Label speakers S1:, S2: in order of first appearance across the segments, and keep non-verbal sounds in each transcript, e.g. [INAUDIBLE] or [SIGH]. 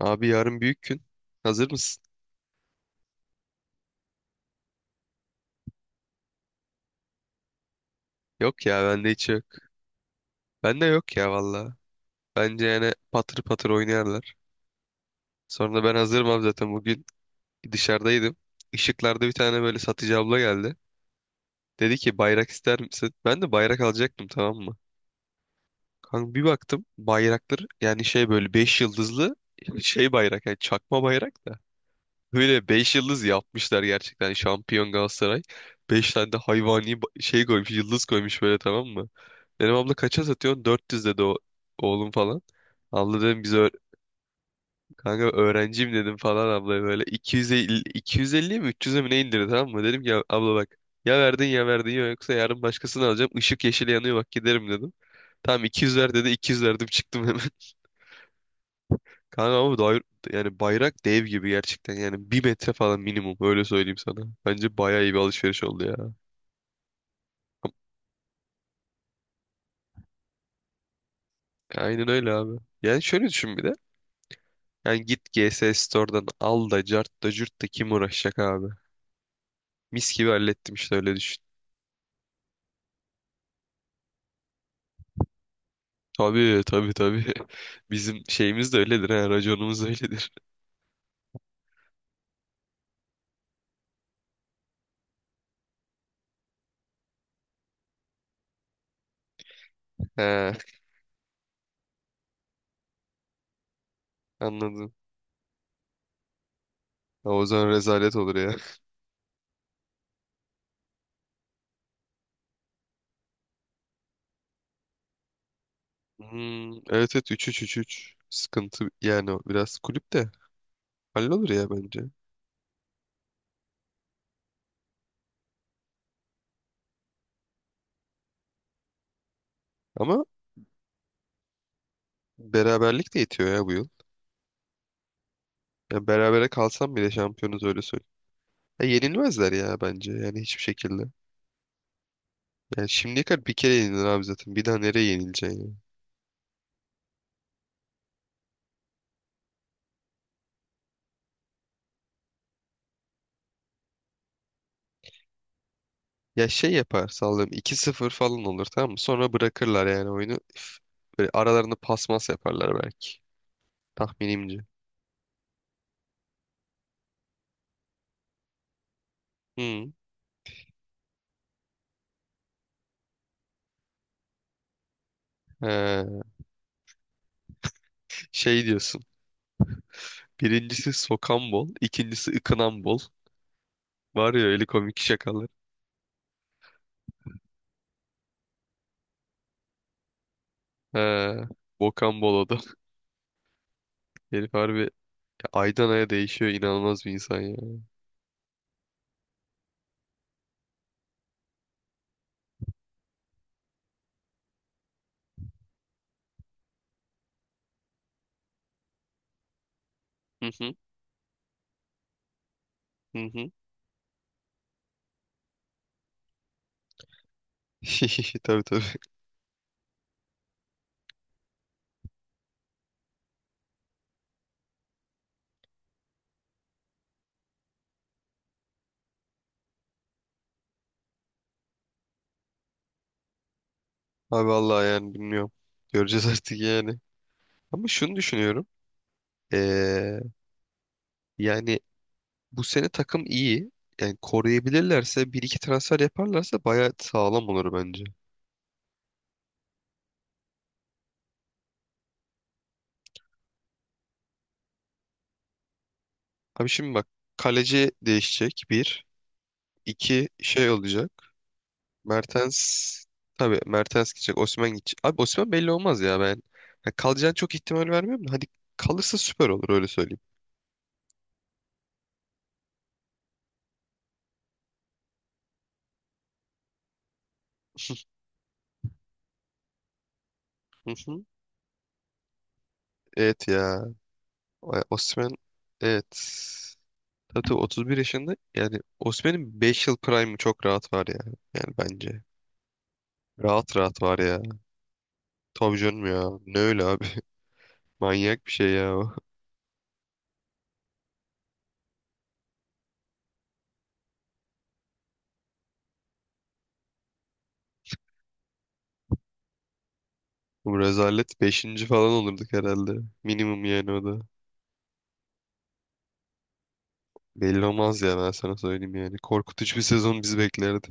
S1: Abi yarın büyük gün. Hazır mısın? Yok ya, bende hiç yok. Bende yok ya, valla. Bence yani patır patır oynarlar. Sonra ben hazırım abi, zaten bugün dışarıdaydım. Işıklarda bir tane böyle satıcı abla geldi. Dedi ki bayrak ister misin? Ben de bayrak alacaktım, tamam mı? Kanka bir baktım bayraktır yani şey, böyle 5 yıldızlı şey bayrak, yani çakma bayrak da. Böyle 5 yıldız yapmışlar, gerçekten şampiyon Galatasaray. Beş tane de hayvani şey koymuş, yıldız koymuş böyle, tamam mı? Benim abla kaça satıyorsun? 400 dedi o, oğlum falan. Abla dedim kanka öğrenciyim dedim falan, abla böyle 250, 250'ye mi 300'e mi ne indirdi, tamam mı? Dedim ki "Ya abla bak, ya verdin ya verdin, ya yoksa yarın başkasını alacağım. Işık yeşil yanıyor bak, giderim" dedim. Tamam 200 ver dedi, 200 verdim, çıktım hemen. Kanka ama yani bayrak dev gibi gerçekten, yani 1 metre falan minimum öyle söyleyeyim sana. Bence bayağı iyi bir alışveriş oldu ya. Aynen öyle abi. Yani şöyle düşün bir de. Yani git G S Store'dan al da cart da cürt de, kim uğraşacak abi. Mis gibi hallettim işte, öyle düşün. Tabii, tabii, tabii. [LAUGHS] Bizim şeyimiz de öyledir ha. Raconumuz da öyledir. [LAUGHS] He, anladım. Ha, o zaman rezalet olur ya. Hmm, evet evet, üç üç üç üç. Sıkıntı yani, o biraz kulüp de hallolur ya bence. Ama beraberlik de yetiyor ya bu yıl. Ya berabere kalsam bile şampiyonuz, öyle söyleyeyim. Ya yenilmezler ya, bence yani hiçbir şekilde. Yani şimdiye kadar bir kere yenilir abi zaten. Bir daha nereye yenileceksin ya? Ya şey yapar, sallıyorum 2-0 falan olur, tamam mı? Sonra bırakırlar yani oyunu. Üf, böyle aralarında pasmas yaparlar belki. Tahminimce. Hı. He, şey diyorsun. Birincisi sokan bol, ikincisi ıkınan bol. Var ya öyle komik şakalar. He, bokan bol o da. [LAUGHS] Herif harbi aydan aya değişiyor. İnanılmaz bir insan ya. Hı hı. Hı hı. [LAUGHS] Tabii, tabii. Abi vallahi yani bilmiyorum. Göreceğiz [LAUGHS] artık yani. Ama şunu düşünüyorum. Ee, yani bu sene takım iyi. Yani koruyabilirlerse, bir iki transfer yaparlarsa bayağı sağlam olur bence. Abi şimdi bak, kaleci değişecek bir. İki şey olacak. Mertens, tabii Mertens gidecek. Osimhen gidecek. Abi Osimhen belli olmaz ya ben. Yani kalacağını çok ihtimal vermiyorum da. Hadi kalırsa süper olur, öyle söyleyeyim. Hı hı. Evet ya. Osimhen, evet. Tabii 31 yaşında. Yani Osimhen'in 5 yıl prime'ı çok rahat var ya. Yani bence. Rahat rahat var ya. Tabii canım ya. Ne öyle abi. [LAUGHS] Manyak bir şey ya o. Bu rezalet 5. falan olurduk herhalde. Minimum yani o da. Belli olmaz ya, ben sana söyleyeyim yani. Korkutucu bir sezon bizi beklerdi.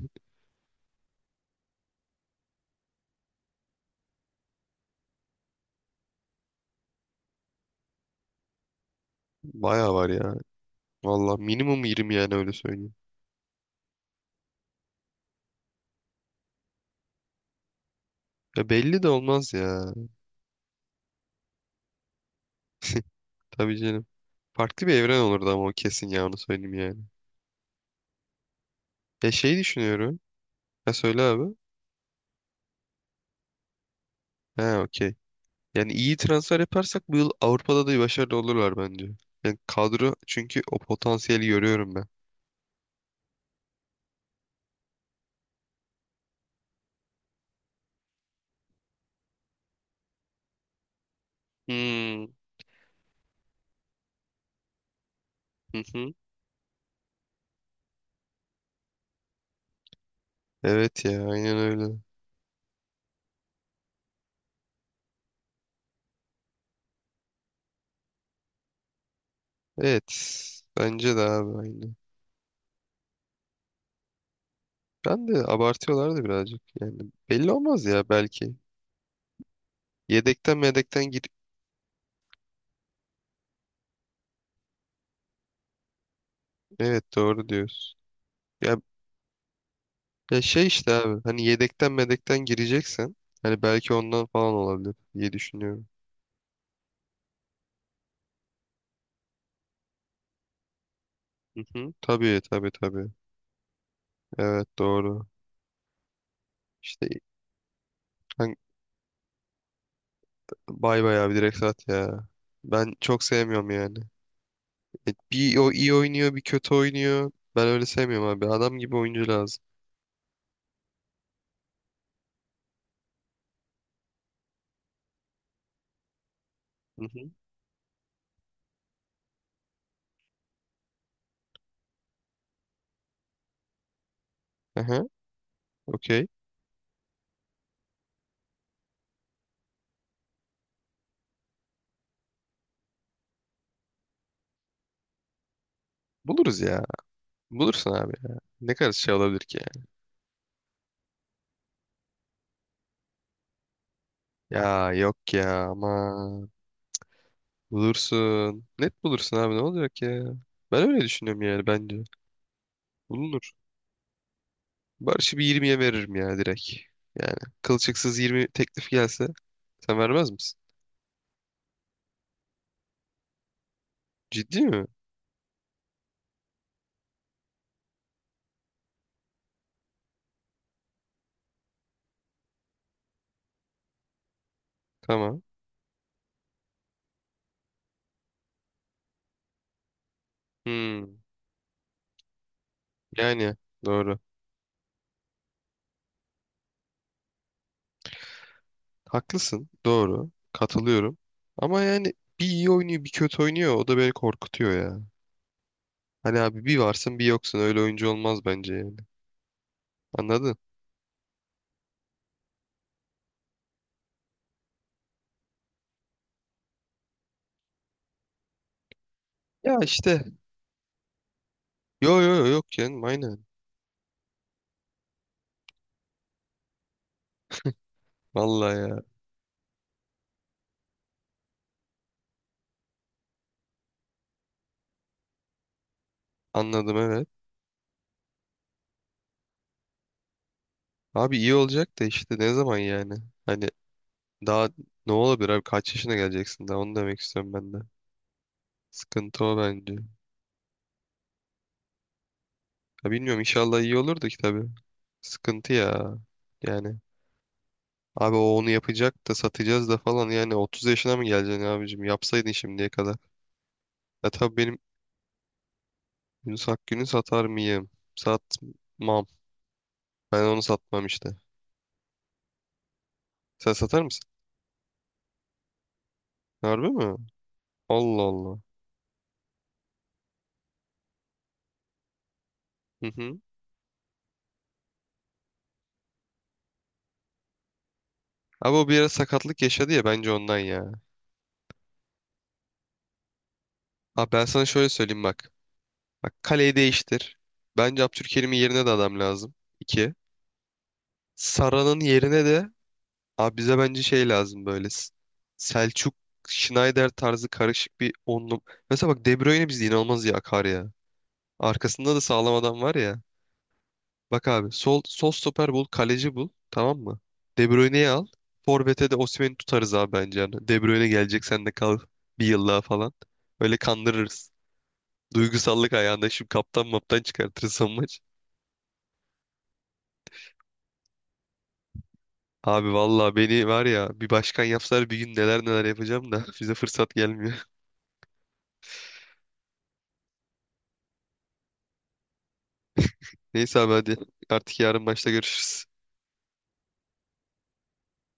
S1: Baya var ya. Valla minimum 20 yani, öyle söyleyeyim. Ya belli de olmaz ya. Tabii canım. Farklı bir evren olurdu ama, o kesin ya, onu söyleyeyim yani. Ya şey düşünüyorum. Ha, söyle abi. He, okey. Yani iyi transfer yaparsak bu yıl Avrupa'da da başarılı olurlar bence. Yani kadro, çünkü o potansiyeli görüyorum ben. Hmm. Hı hı. Evet ya, aynen öyle. Evet. Bence de abi, aynı. Ben de abartıyorlardı birazcık. Yani belli olmaz ya, belki. Yedekten medekten gir... Evet, doğru diyorsun. Ya, ya, şey işte abi. Hani yedekten medekten gireceksen. Hani belki ondan falan olabilir diye düşünüyorum. Hı hı. Tabii, tabii, tabii. Evet, doğru. İşte bay bay abi, direkt sat ya. Ben çok sevmiyorum yani. Bir o iyi oynuyor, bir kötü oynuyor. Ben öyle sevmiyorum abi. Adam gibi oyuncu lazım. Hı hı. Aha, okey. Buluruz ya. Bulursun abi ya. Ne kadar şey olabilir ki ya? Ya yok ya, ama bulursun. Net bulursun abi, ne olacak ya? Ben öyle düşünüyorum yani, bence. Bulunur. Barış'ı bir 20'ye veririm ya, direkt. Yani kılçıksız 20 teklif gelse sen vermez misin? Ciddi mi? Tamam. Hmm. Yani doğru. Haklısın. Doğru. Katılıyorum. Ama yani bir iyi oynuyor bir kötü oynuyor. O da beni korkutuyor ya. Hani abi bir varsın bir yoksun. Öyle oyuncu olmaz bence yani. Anladın? Ya işte. Yo yo yo yok canım, aynen. Vallahi ya. Anladım, evet. Abi iyi olacak da işte ne zaman yani? Hani daha ne olabilir abi? Kaç yaşına geleceksin daha? Onu demek istiyorum ben de. Sıkıntı o bence. Ya bilmiyorum, inşallah iyi olur da ki tabii. Sıkıntı ya. Yani. Abi o onu yapacak da satacağız da falan, yani 30 yaşına mı geleceksin abicim? Yapsaydın şimdiye kadar. Ya tabii, benim Yunus Akgün'ü satar mıyım? Satmam. Ben onu satmam işte. Sen satar mısın? Harbi mi? Allah Allah. Hı hı. Abi o bir ara sakatlık yaşadı ya, bence ondan ya. Abi ben sana şöyle söyleyeyim bak. Bak kaleyi değiştir. Bence Abdülkerim'in yerine de adam lazım. 2. Sara'nın yerine de, abi bize bence şey lazım böyle. Selçuk, Schneider tarzı karışık bir onlu. Mesela bak De Bruyne bizde inanılmaz iyi akar ya. Arkasında da sağlam adam var ya. Bak abi sol stoper bul, kaleci bul. Tamam mı? De Bruyne'yi al. Forvet'e de Osimhen'i tutarız abi, bence. Yani De Bruyne gelecek, sen de kal 1 yıl daha falan. Böyle kandırırız. Duygusallık ayağında şimdi kaptan maptan çıkartırız son maç. Abi vallahi beni var ya, bir başkan yapsalar bir gün neler neler yapacağım da [LAUGHS] bize fırsat gelmiyor. Neyse abi, hadi. Artık yarın maçta görüşürüz.